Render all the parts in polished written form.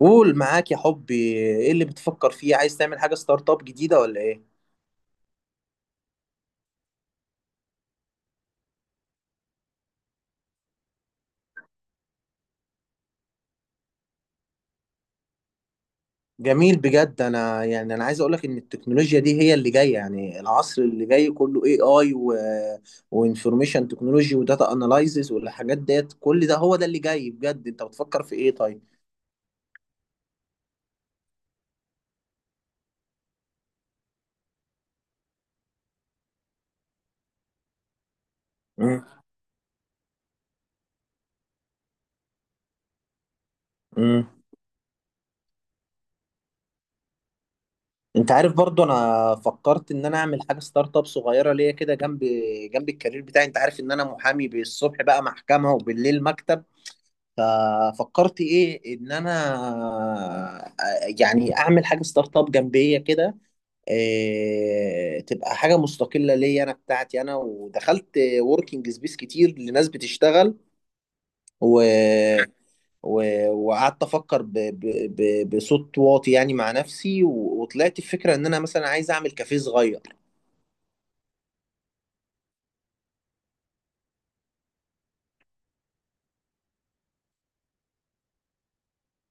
قول معاك يا حبي. ايه اللي بتفكر فيه؟ عايز تعمل حاجة ستارت اب جديدة ولا ايه؟ جميل بجد. انا يعني عايز اقولك ان التكنولوجيا دي هي اللي جاية. يعني العصر اللي جاي كله اي و وانفورميشن تكنولوجي وداتا اناليزز والحاجات ديت، كل ده هو ده اللي جاي بجد. انت بتفكر في ايه طيب؟ مم. مم. انت عارف برضو، انا فكرت ان انا اعمل حاجة ستارت اب صغيرة ليا كده جنب الكارير بتاعي. انت عارف ان انا محامي، بالصبح بقى محكمة وبالليل مكتب. ففكرت ايه، ان انا يعني اعمل حاجه ستارت اب جنبيه كده. إيه، تبقى حاجه مستقله ليا، انا بتاعتي انا. ودخلت وركينج سبيس كتير لناس بتشتغل و... و... وقعدت افكر بصوت واطي يعني مع نفسي وطلعت الفكره ان انا مثلا عايز اعمل كافيه صغير.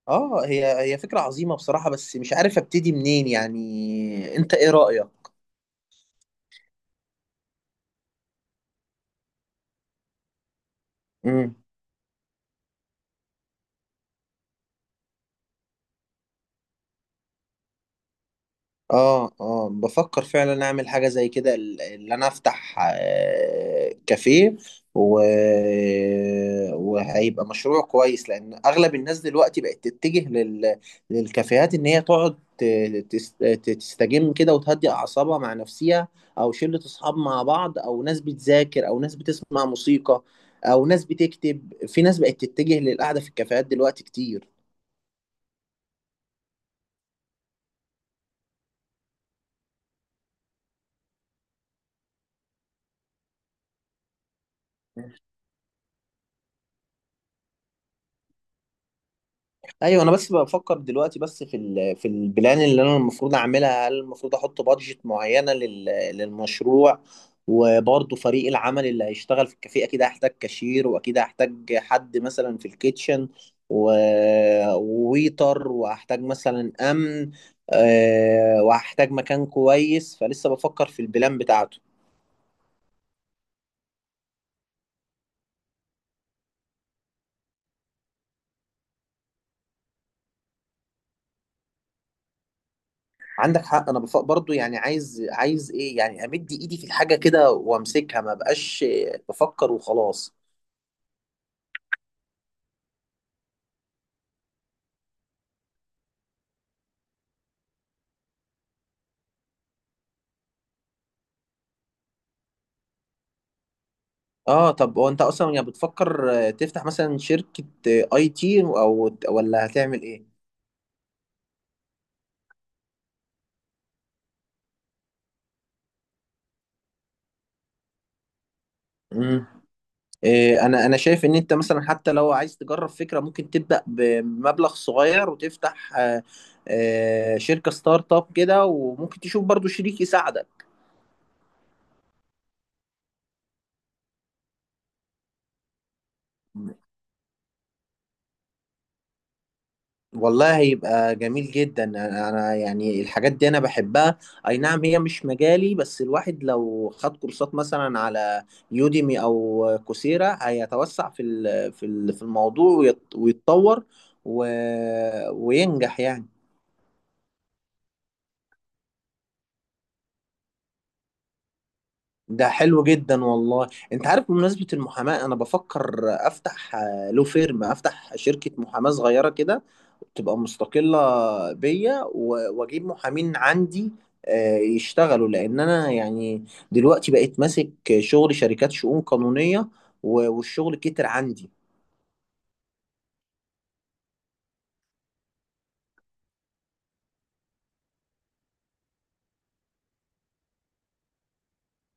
اه، هي فكره عظيمه بصراحه، بس مش عارف ابتدي منين، يعني انت ايه رايك؟ مم. اه اه، بفكر فعلا اعمل حاجة زي كده، اللي انا افتح كافيه و... وهيبقى مشروع كويس، لان اغلب الناس دلوقتي بقت تتجه للكافيهات، ان هي تقعد تستجم كده وتهدي اعصابها مع نفسها، او شلة اصحاب مع بعض، او ناس بتذاكر، او ناس بتسمع موسيقى، او ناس بتكتب. في ناس بقت تتجه للقعدة في الكافيهات دلوقتي كتير. ايوه، انا بس بفكر دلوقتي، بس في في البلان اللي انا المفروض اعملها. هل المفروض احط بادجت معينه للمشروع؟ وبرضه فريق العمل اللي هيشتغل في الكافيه، اكيد هحتاج كاشير، واكيد هحتاج حد مثلا في الكيتشن و... وويتر، وهحتاج مثلا امن، وهحتاج مكان كويس. فلسه بفكر في البلان بتاعته. عندك حق. انا برضه يعني، عايز ايه يعني، امد ايدي في الحاجه كده وامسكها، ما بقاش بفكر وخلاص. اه، طب وانت اصلا يعني، بتفكر تفتح مثلا شركة اي تي او، ولا هتعمل ايه؟ امم. إيه، انا انا شايف ان انت مثلا حتى لو عايز تجرب فكرة، ممكن تبدأ بمبلغ صغير وتفتح شركة ستارت اب كده، وممكن تشوف برضو شريك يساعدك. والله هيبقى جميل جدا. انا يعني الحاجات دي انا بحبها. اي نعم هي مش مجالي، بس الواحد لو خد كورسات مثلا على يوديمي او كوسيرا، هيتوسع في في الموضوع ويتطور و... وينجح يعني. ده حلو جدا والله. انت عارف بمناسبة المحاماة، انا بفكر افتح لو فيرم، افتح شركة محاماة صغيرة كده تبقى مستقلة بيا، واجيب محامين عندي يشتغلوا. لان انا يعني دلوقتي بقيت ماسك شغل شركات، شؤون قانونية، والشغل كتر عندي.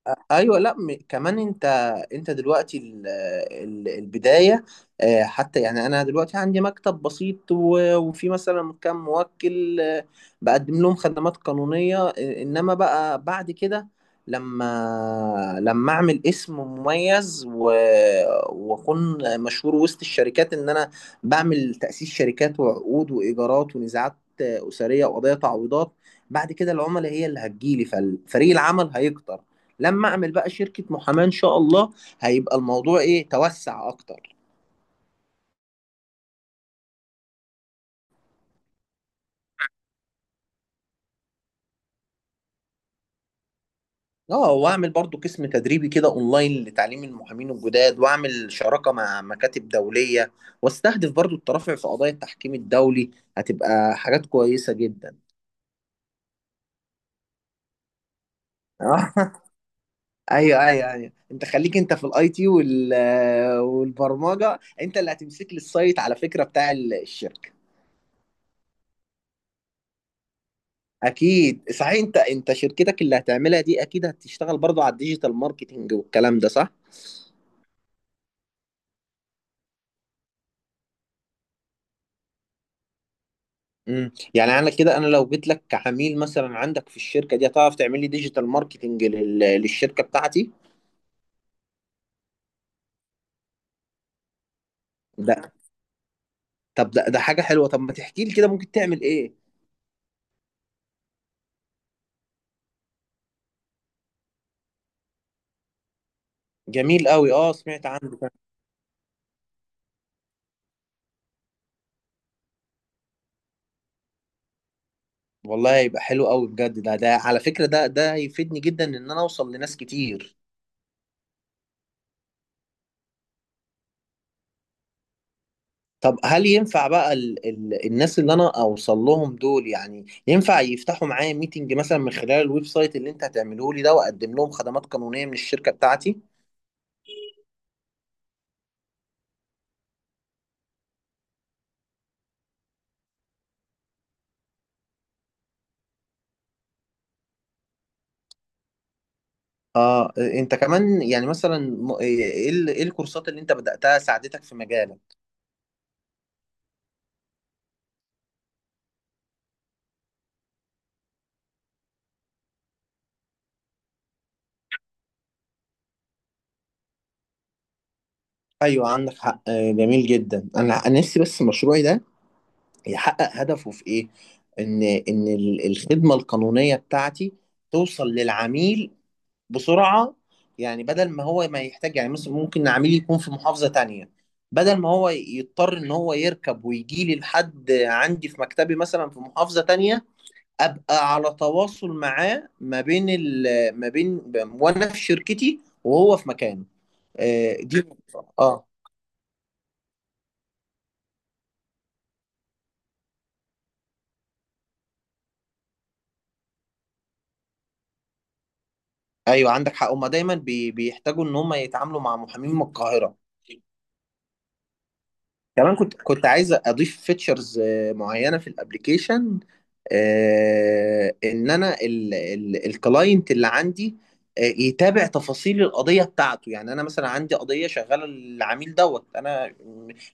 ايوه. لا كمان انت دلوقتي البدايه. حتى يعني انا دلوقتي عندي مكتب بسيط، وفي مثلا كام موكل بقدم لهم خدمات قانونيه انما بقى بعد كده، لما اعمل اسم مميز واكون مشهور وسط الشركات، ان انا بعمل تاسيس شركات وعقود وايجارات ونزاعات اسريه وقضايا تعويضات، بعد كده العملاء هي اللي هتجيلي. ففريق العمل هيكتر. لما اعمل بقى شركه محاماه ان شاء الله، هيبقى الموضوع ايه، توسع اكتر. اه، واعمل برضو قسم تدريبي كده اونلاين لتعليم المحامين الجداد، واعمل شراكه مع مكاتب دوليه، واستهدف برضو الترافع في قضايا التحكيم الدولي. هتبقى حاجات كويسه جدا. آه. ايوه ايوه ايوه، انت خليك انت في الاي تي وال والبرمجه. انت اللي هتمسك لي السايت على فكره بتاع الشركه. اكيد. صحيح، انت شركتك اللي هتعملها دي اكيد هتشتغل برضو على الديجيتال ماركتينج والكلام ده، صح؟ امم، يعني انا كده انا لو جيت لك كعميل مثلا عندك في الشركه دي، هتعرف تعمل لي ديجيتال ماركتينج للشركه بتاعتي؟ ده، طب ده حاجه حلوه، طب ما تحكي لي كده ممكن تعمل ايه؟ جميل قوي، اه سمعت عنه فعلاً. والله يبقى حلو قوي بجد. ده على فكره، ده هيفيدني جدا، ان انا اوصل لناس كتير. طب هل ينفع بقى ال ال الناس اللي انا اوصل لهم دول، يعني ينفع يفتحوا معايا ميتنج مثلا من خلال الويب سايت اللي انت هتعمله لي ده، واقدم لهم خدمات قانونية من الشركة بتاعتي؟ اه، انت كمان يعني مثلا ايه، إيه إيه الكورسات اللي انت بدأتها ساعدتك في مجالك؟ ايوه، عندك حق. جميل جدا. انا نفسي بس مشروعي ده يحقق هدفه في ايه، ان الخدمة القانونية بتاعتي توصل للعميل بسرعه. يعني بدل ما هو ما يحتاج، يعني مثلا ممكن عميل يكون في محافظه تانية، بدل ما هو يضطر ان هو يركب ويجي لي لحد عندي في مكتبي، مثلا في محافظه تانية، ابقى على تواصل معاه ما بين، وانا في شركتي وهو في مكانه. دي. اه. ايوه عندك حق، هما دايما بيحتاجوا ان هما يتعاملوا مع محامين من القاهره. كمان كنت عايز اضيف فيتشرز معينه في الابليكيشن، ان انا الكلاينت اللي عندي يتابع تفاصيل القضيه بتاعته. يعني انا مثلا عندي قضيه شغاله للعميل دوت انا،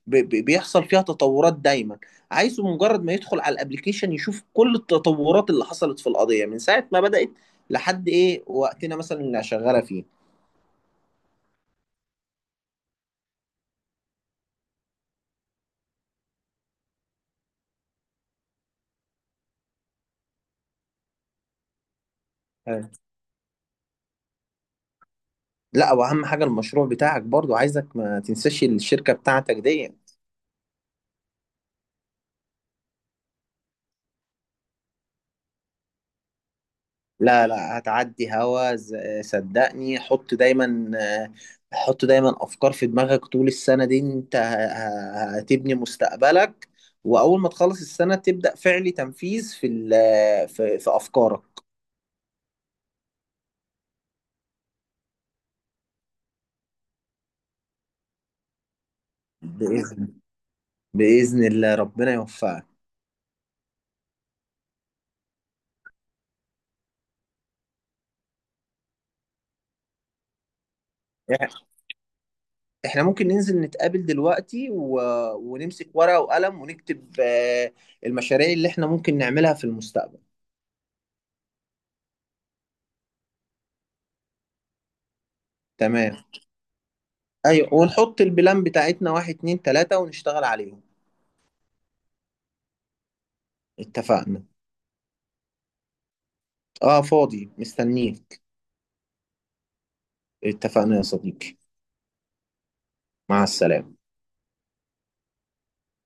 بيحصل فيها تطورات دايما، عايزه مجرد ما يدخل على الابليكيشن يشوف كل التطورات اللي حصلت في القضيه من ساعه ما بدات لحد ايه وقتنا مثلا اللي شغاله فيه. أيوة. لا، واهم حاجه المشروع بتاعك برضو، عايزك ما تنساش الشركه بتاعتك دي. لا لا، هتعدي هوا صدقني، حط دايما، حط دايما افكار في دماغك طول السنه دي. انت هتبني مستقبلك، واول ما تخلص السنه تبدا فعلي تنفيذ في في افكارك. باذن باذن الله ربنا يوفقك. إح- احنا ممكن ننزل نتقابل دلوقتي ونمسك ورقه وقلم، ونكتب المشاريع اللي احنا ممكن نعملها في المستقبل. تمام. ايوه، ونحط البلان بتاعتنا واحد اتنين تلاته، ونشتغل عليهم. اتفقنا. اه، فاضي مستنيك. اتفقنا يا صديقي. مع السلامة.